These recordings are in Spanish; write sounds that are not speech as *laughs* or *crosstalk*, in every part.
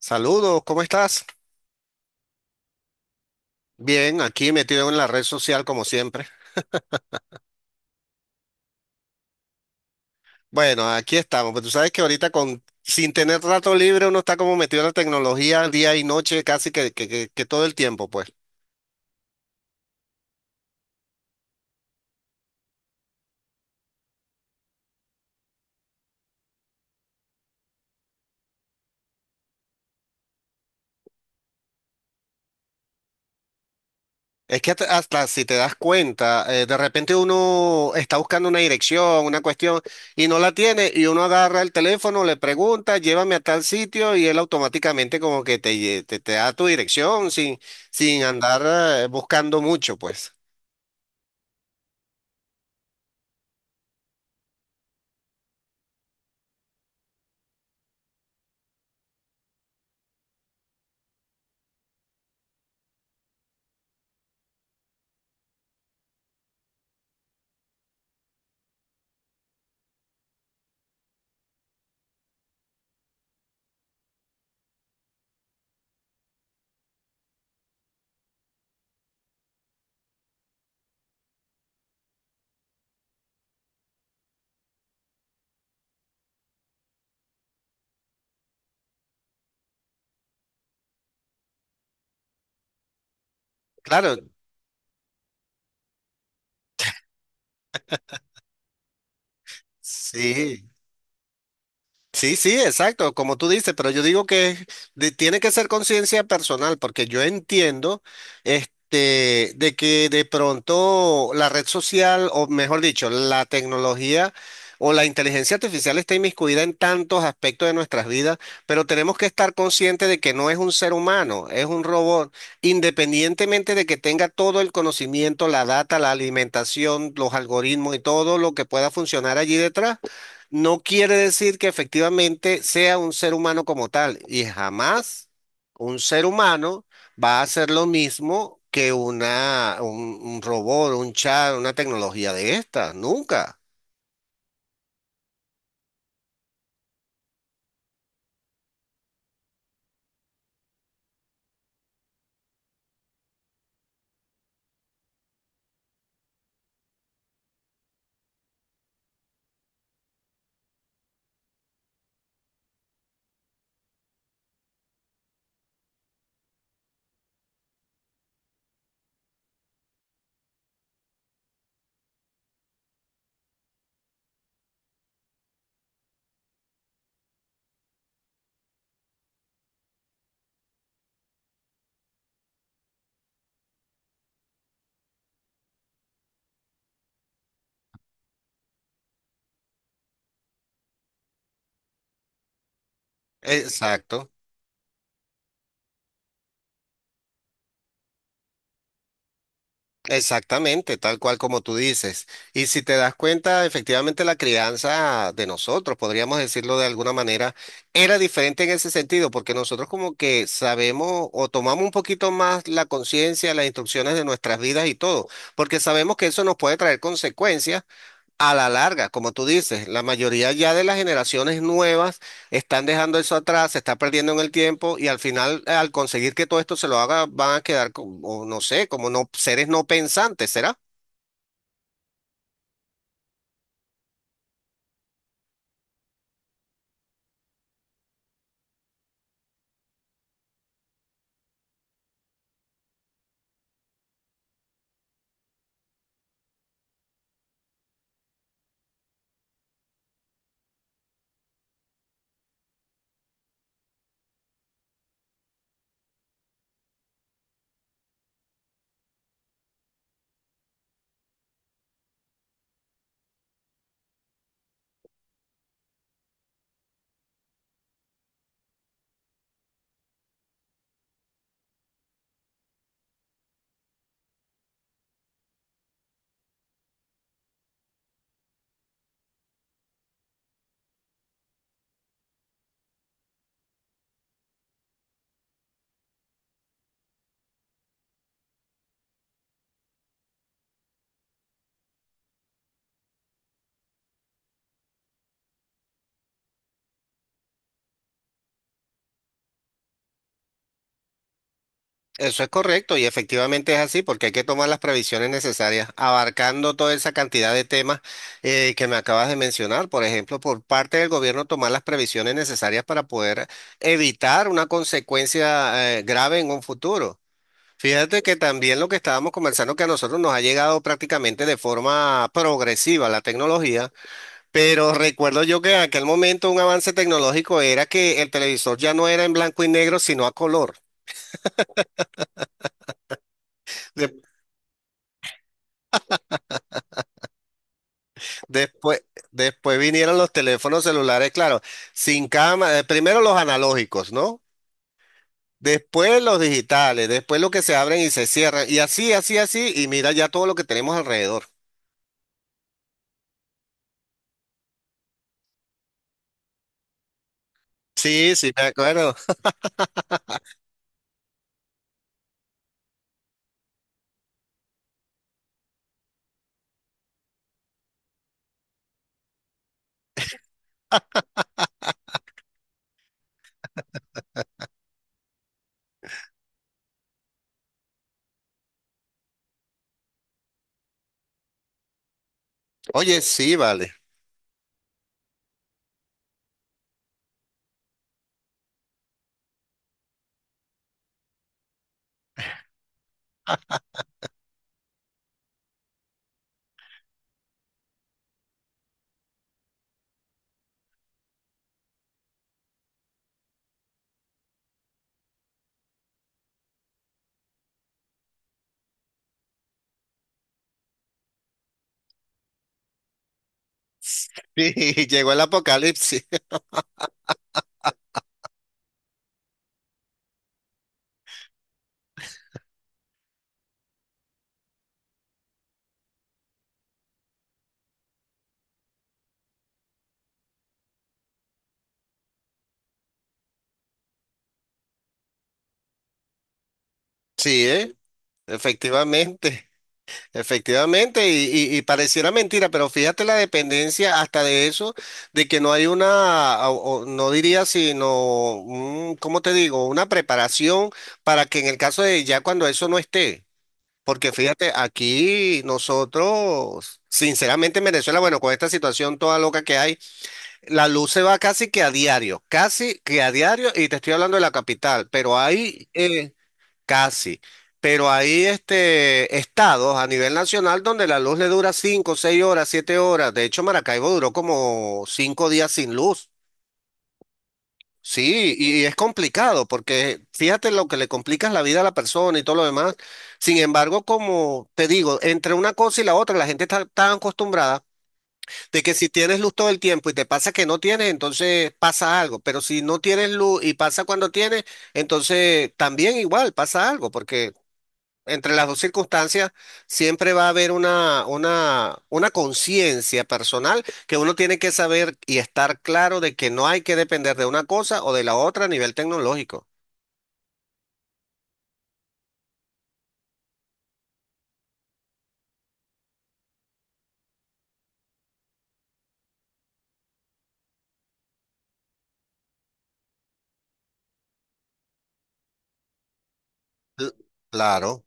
Saludos, ¿cómo estás? Bien, aquí metido en la red social como siempre. Bueno, aquí estamos, pero tú sabes que ahorita con, sin tener rato libre uno está como metido en la tecnología día y noche casi que todo el tiempo, pues. Es que hasta si te das cuenta, de repente uno está buscando una dirección, una cuestión, y no la tiene, y uno agarra el teléfono, le pregunta, llévame a tal sitio, y él automáticamente como que te da tu dirección sin andar buscando mucho, pues. Claro, sí. Sí, sí, exacto, como tú dices, pero yo digo que tiene que ser conciencia personal, porque yo entiendo este, de que de pronto la red social, o mejor dicho, la tecnología o la inteligencia artificial está inmiscuida en tantos aspectos de nuestras vidas, pero tenemos que estar conscientes de que no es un ser humano, es un robot, independientemente de que tenga todo el conocimiento, la data, la alimentación, los algoritmos y todo lo que pueda funcionar allí detrás no quiere decir que efectivamente sea un ser humano como tal, y jamás un ser humano va a hacer lo mismo que un robot, un chat, una tecnología de estas, nunca. Exacto. Exactamente, tal cual como tú dices. Y si te das cuenta, efectivamente la crianza de nosotros, podríamos decirlo de alguna manera, era diferente en ese sentido, porque nosotros como que sabemos o tomamos un poquito más la conciencia, las instrucciones de nuestras vidas y todo, porque sabemos que eso nos puede traer consecuencias a la larga, como tú dices, la mayoría ya de las generaciones nuevas están dejando eso atrás, se está perdiendo en el tiempo y al final, al conseguir que todo esto se lo haga, van a quedar como, no sé, como no, seres no pensantes, ¿será? Eso es correcto y efectivamente es así porque hay que tomar las previsiones necesarias, abarcando toda esa cantidad de temas que me acabas de mencionar. Por ejemplo, por parte del gobierno tomar las previsiones necesarias para poder evitar una consecuencia grave en un futuro. Fíjate que también lo que estábamos conversando, que a nosotros nos ha llegado prácticamente de forma progresiva la tecnología, pero recuerdo yo que en aquel momento un avance tecnológico era que el televisor ya no era en blanco y negro, sino a color. De- después, después vinieron los teléfonos celulares, claro, sin cámara, primero los analógicos, ¿no? Después los digitales, después los que se abren y se cierran, y así, así, así, y mira ya todo lo que tenemos alrededor. Sí, sí, me acuerdo. Oye, sí, vale. Sí, *laughs* llegó el apocalipsis. *laughs* Sí, ¿eh? Efectivamente, efectivamente, y pareciera mentira, pero fíjate la dependencia hasta de eso, de que no hay una, o no diría sino, un, ¿cómo te digo? Una preparación para que en el caso de ya cuando eso no esté, porque fíjate, aquí nosotros, sinceramente en Venezuela, bueno, con esta situación toda loca que hay, la luz se va casi que a diario, casi que a diario, y te estoy hablando de la capital, pero hay... Casi. Pero hay este, estados a nivel nacional donde la luz le dura 5, 6 horas, 7 horas. De hecho, Maracaibo duró como 5 días sin luz. Sí, y es complicado porque fíjate lo que le complicas la vida a la persona y todo lo demás. Sin embargo, como te digo, entre una cosa y la otra, la gente está tan acostumbrada de que si tienes luz todo el tiempo y te pasa que no tienes, entonces pasa algo. Pero si no tienes luz y pasa cuando tienes, entonces también igual pasa algo, porque entre las dos circunstancias siempre va a haber una conciencia personal que uno tiene que saber y estar claro de que no hay que depender de una cosa o de la otra a nivel tecnológico. Cl- Claro.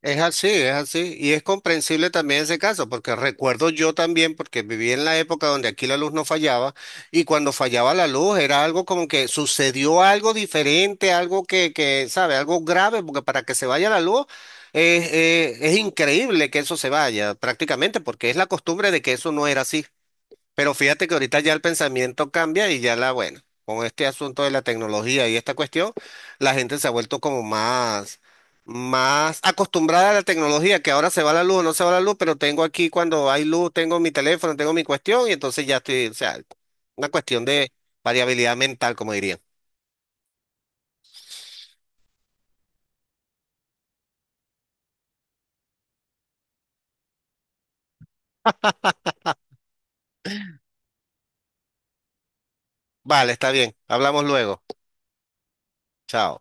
Es así, es así. Y es comprensible también ese caso, porque recuerdo yo también, porque viví en la época donde aquí la luz no fallaba, y cuando fallaba la luz era algo como que sucedió algo diferente, algo que, ¿sabe? Algo grave, porque para que se vaya la luz es increíble que eso se vaya prácticamente, porque es la costumbre de que eso no era así. Pero fíjate que ahorita ya el pensamiento cambia y ya la, bueno, con este asunto de la tecnología y esta cuestión, la gente se ha vuelto como más, más acostumbrada a la tecnología, que ahora se va la luz o no se va la luz, pero tengo aquí cuando hay luz, tengo mi teléfono, tengo mi cuestión y entonces ya estoy, o sea, una cuestión de variabilidad mental, como dirían. *laughs* Vale, está bien, hablamos luego. Chao.